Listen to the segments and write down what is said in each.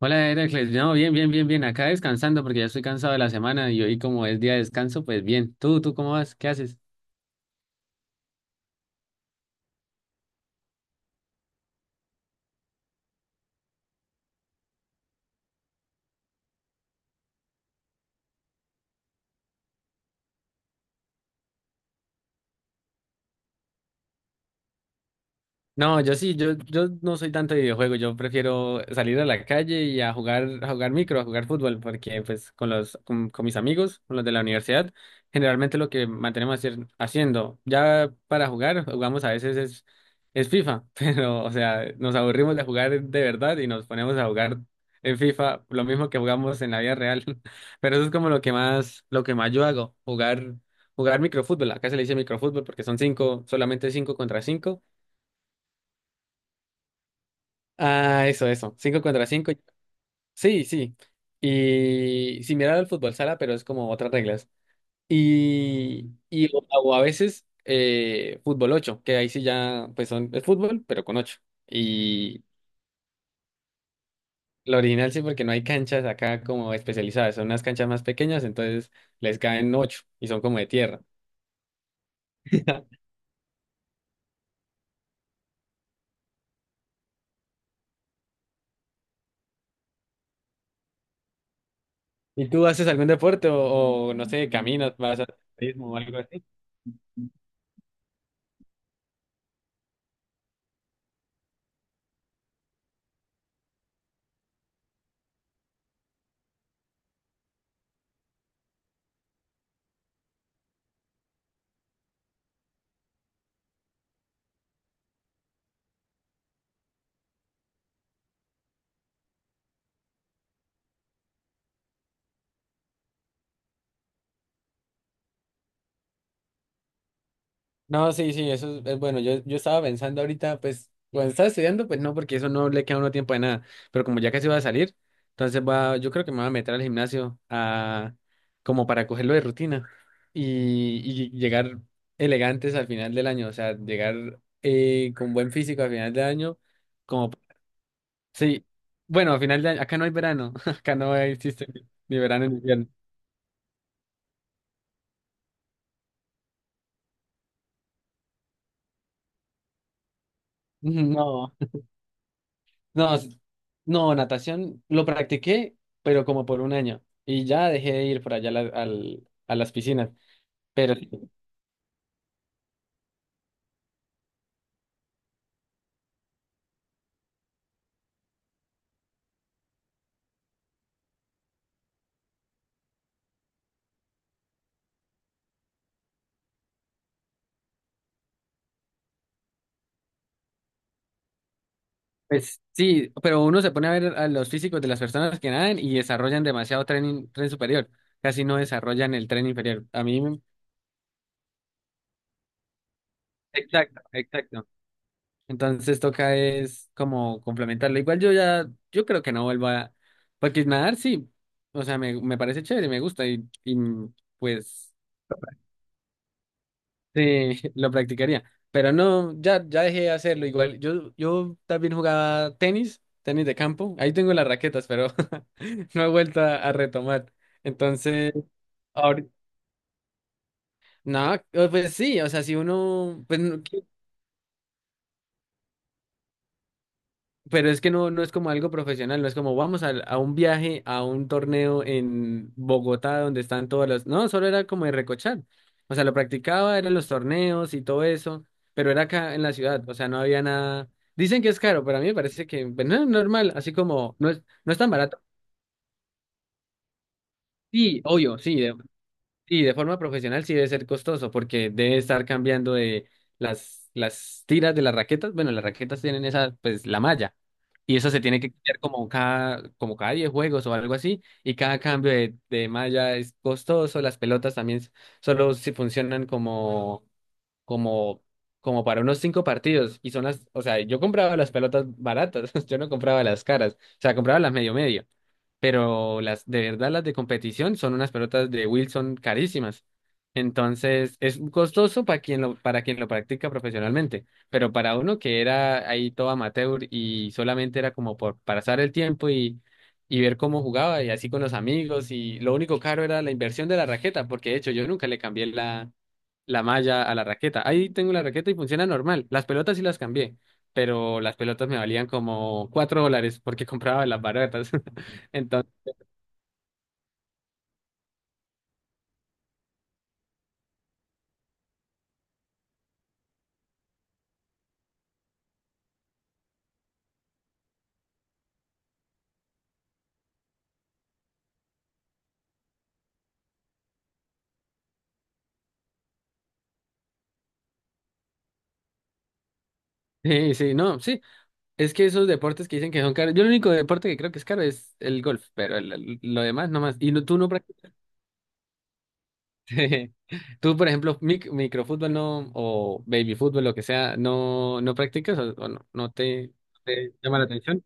Hola, Heracles. No, bien, bien, bien, bien. Acá descansando porque ya estoy cansado de la semana y hoy como es día de descanso, pues bien. ¿Tú cómo vas? ¿Qué haces? No, yo sí, yo no soy tanto de videojuegos, yo prefiero salir a la calle y a jugar micro, a jugar fútbol, porque pues con mis amigos, con los de la universidad, generalmente lo que mantenemos haciendo, ya para jugar, jugamos a veces es FIFA, pero o sea, nos aburrimos de jugar de verdad y nos ponemos a jugar en FIFA, lo mismo que jugamos en la vida real, pero eso es como lo que más yo hago, jugar microfútbol, acá se le dice microfútbol porque son cinco, solamente cinco contra cinco. Ah, eso, eso. Cinco contra cinco. Sí, sí. Y similar al fútbol sala, pero es como otras reglas. Y o a veces fútbol ocho, que ahí sí ya pues son, es fútbol, pero con ocho. Y lo original sí, porque no hay canchas acá como especializadas, son unas canchas más pequeñas, entonces les caen ocho y son como de tierra. ¿Y tú haces algún deporte no sé, caminas, vas a atletismo o algo así? No, sí, sí, eso es bueno. Yo estaba pensando ahorita, pues, cuando estaba estudiando, pues no, porque eso no le queda a uno tiempo de nada. Pero como ya casi va a salir, entonces va, yo creo que me voy a meter al gimnasio a, como para cogerlo de rutina y, y llegar elegantes al final del año, o sea, llegar con buen físico al final del año, como, sí, bueno, al final de año, acá no hay verano, acá no existe ni verano ni invierno. No. No, no, natación lo practiqué, pero como por un año. Y ya dejé de ir por allá a las piscinas. Pero sí, pues sí, pero uno se pone a ver a los físicos de las personas que nadan y desarrollan demasiado tren superior. Casi no desarrollan el tren inferior. A mí. Exacto, exacto. Entonces toca es como complementarlo. Igual yo creo que no vuelva a... Porque nadar sí, o sea, me parece chévere, me gusta y pues. Sí, lo practicaría. Pero no, ya, ya dejé de hacerlo. Igual, yo también jugaba tenis, tenis de campo. Ahí tengo las raquetas, pero no he vuelto a retomar. Entonces, ahorita, no, pues sí, o sea, si uno, pues, no, pero es que no es como algo profesional, no es como vamos un viaje, a un torneo en Bogotá donde están todas las... No, solo era como de recochar. O sea, lo practicaba, eran los torneos y todo eso, pero era acá en la ciudad, o sea, no había nada... Dicen que es caro, pero a mí me parece que pues, no normal, así como no es tan barato. Sí, obvio, sí, y de forma profesional sí debe ser costoso porque debe estar cambiando de las tiras de las raquetas. Bueno, las raquetas tienen esa, pues, la malla. Y eso se tiene que cambiar como como cada 10 juegos o algo así. Y cada cambio de malla es costoso. Las pelotas también solo si funcionan como, como para unos cinco partidos. Y son las, o sea, yo compraba las pelotas baratas, yo no compraba las caras, o sea, compraba las medio medio. Pero las de verdad, las de competición son unas pelotas de Wilson carísimas. Entonces, es costoso para quien lo practica profesionalmente. Pero para uno que era ahí todo amateur y solamente era como por pasar el tiempo y ver cómo jugaba y así con los amigos. Y lo único caro era la inversión de la raqueta, porque de hecho yo nunca le cambié la malla a la raqueta. Ahí tengo la raqueta y funciona normal. Las pelotas sí las cambié, pero las pelotas me valían como cuatro dólares porque compraba las baratas. Entonces, sí, sí, no, sí. Es que esos deportes que dicen que son caros, yo el único deporte que creo que es caro es el golf, pero lo demás no más. Y no, tú no practicas. Tú, por ejemplo, microfútbol no, o baby fútbol, lo que sea, no practicas o no te llama la atención.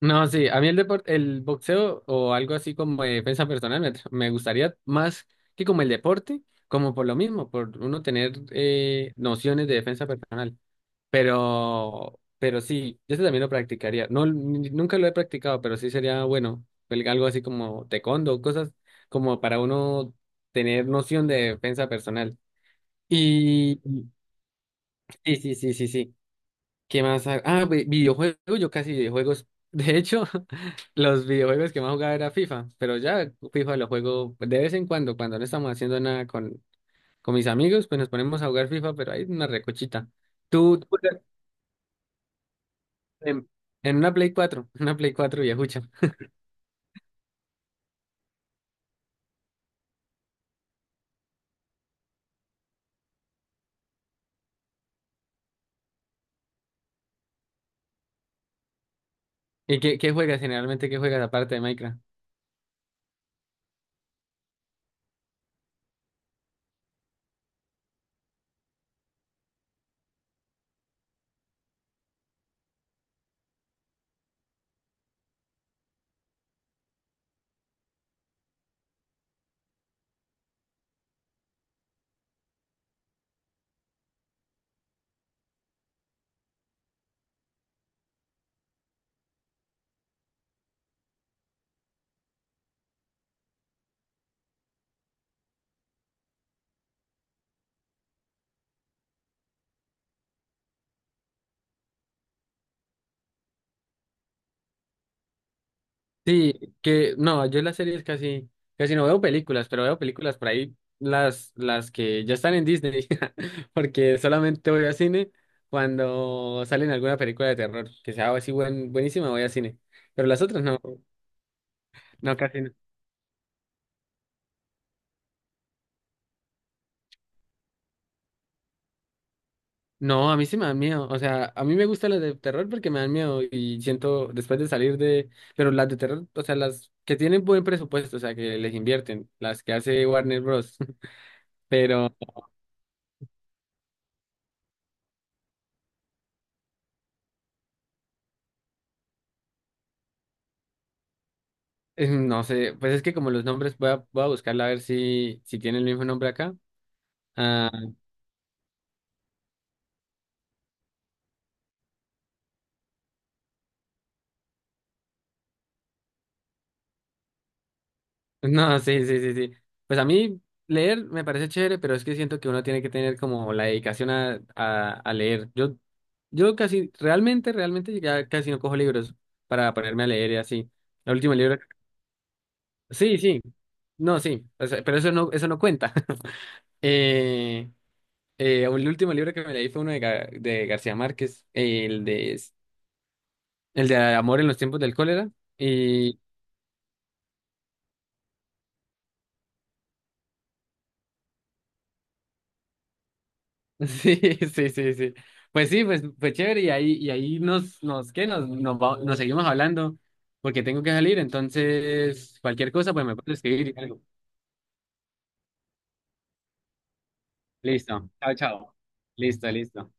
No, sí, a mí el deporte, el boxeo o algo así como de defensa personal me gustaría más que como el deporte, como por lo mismo, por uno tener nociones de defensa personal. Pero sí, yo ese también lo practicaría. No, nunca lo he practicado, pero sí sería bueno, algo así como taekwondo, cosas como para uno tener noción de defensa personal. Y y- sí, sí, sí, sí, sí. ¿Qué más? Ah, videojuegos, yo casi videojuegos. De hecho, los videojuegos que más jugaba era FIFA, pero ya FIFA lo juego de vez en cuando, cuando no estamos haciendo nada con mis amigos, pues nos ponemos a jugar FIFA, pero hay una recochita. Tú juegas en, en una Play 4 una Play 4 viejucha. ¿Y qué juegas generalmente? ¿Qué juegas aparte de Minecraft? Sí, que no, yo las series casi, casi no veo películas, pero veo películas por ahí, las que ya están en Disney, porque solamente voy al cine cuando salen alguna película de terror, que sea así buenísima, voy al cine, pero las otras no, no, casi no. No, a mí sí me dan miedo, o sea, a mí me gustan las de terror porque me dan miedo y siento después de salir de, pero las de terror, o sea, las que tienen buen presupuesto, o sea, que les invierten, las que hace Warner Bros. Pero no sé, pues es que como los nombres, voy a buscarla a ver si tiene el mismo nombre acá. Ah, no, sí, sí, sí, sí. Pues a mí leer me parece chévere, pero es que siento que uno tiene que tener como la dedicación a leer. Yo casi, realmente, realmente ya casi no cojo libros para ponerme a leer y así. El último libro. Sí, sí. No, sí. O sea, pero eso no, cuenta. Eh, el último libro que me leí fue uno de García Márquez, el de el de amor en los tiempos del cólera. Y sí, sí, sí, sí. Pues sí, pues fue chévere y y ahí nos, ¿qué? Nos seguimos hablando porque tengo que salir. Entonces, cualquier cosa, pues me puedes escribir. Y algo. Listo. Chao, chao. Listo, listo.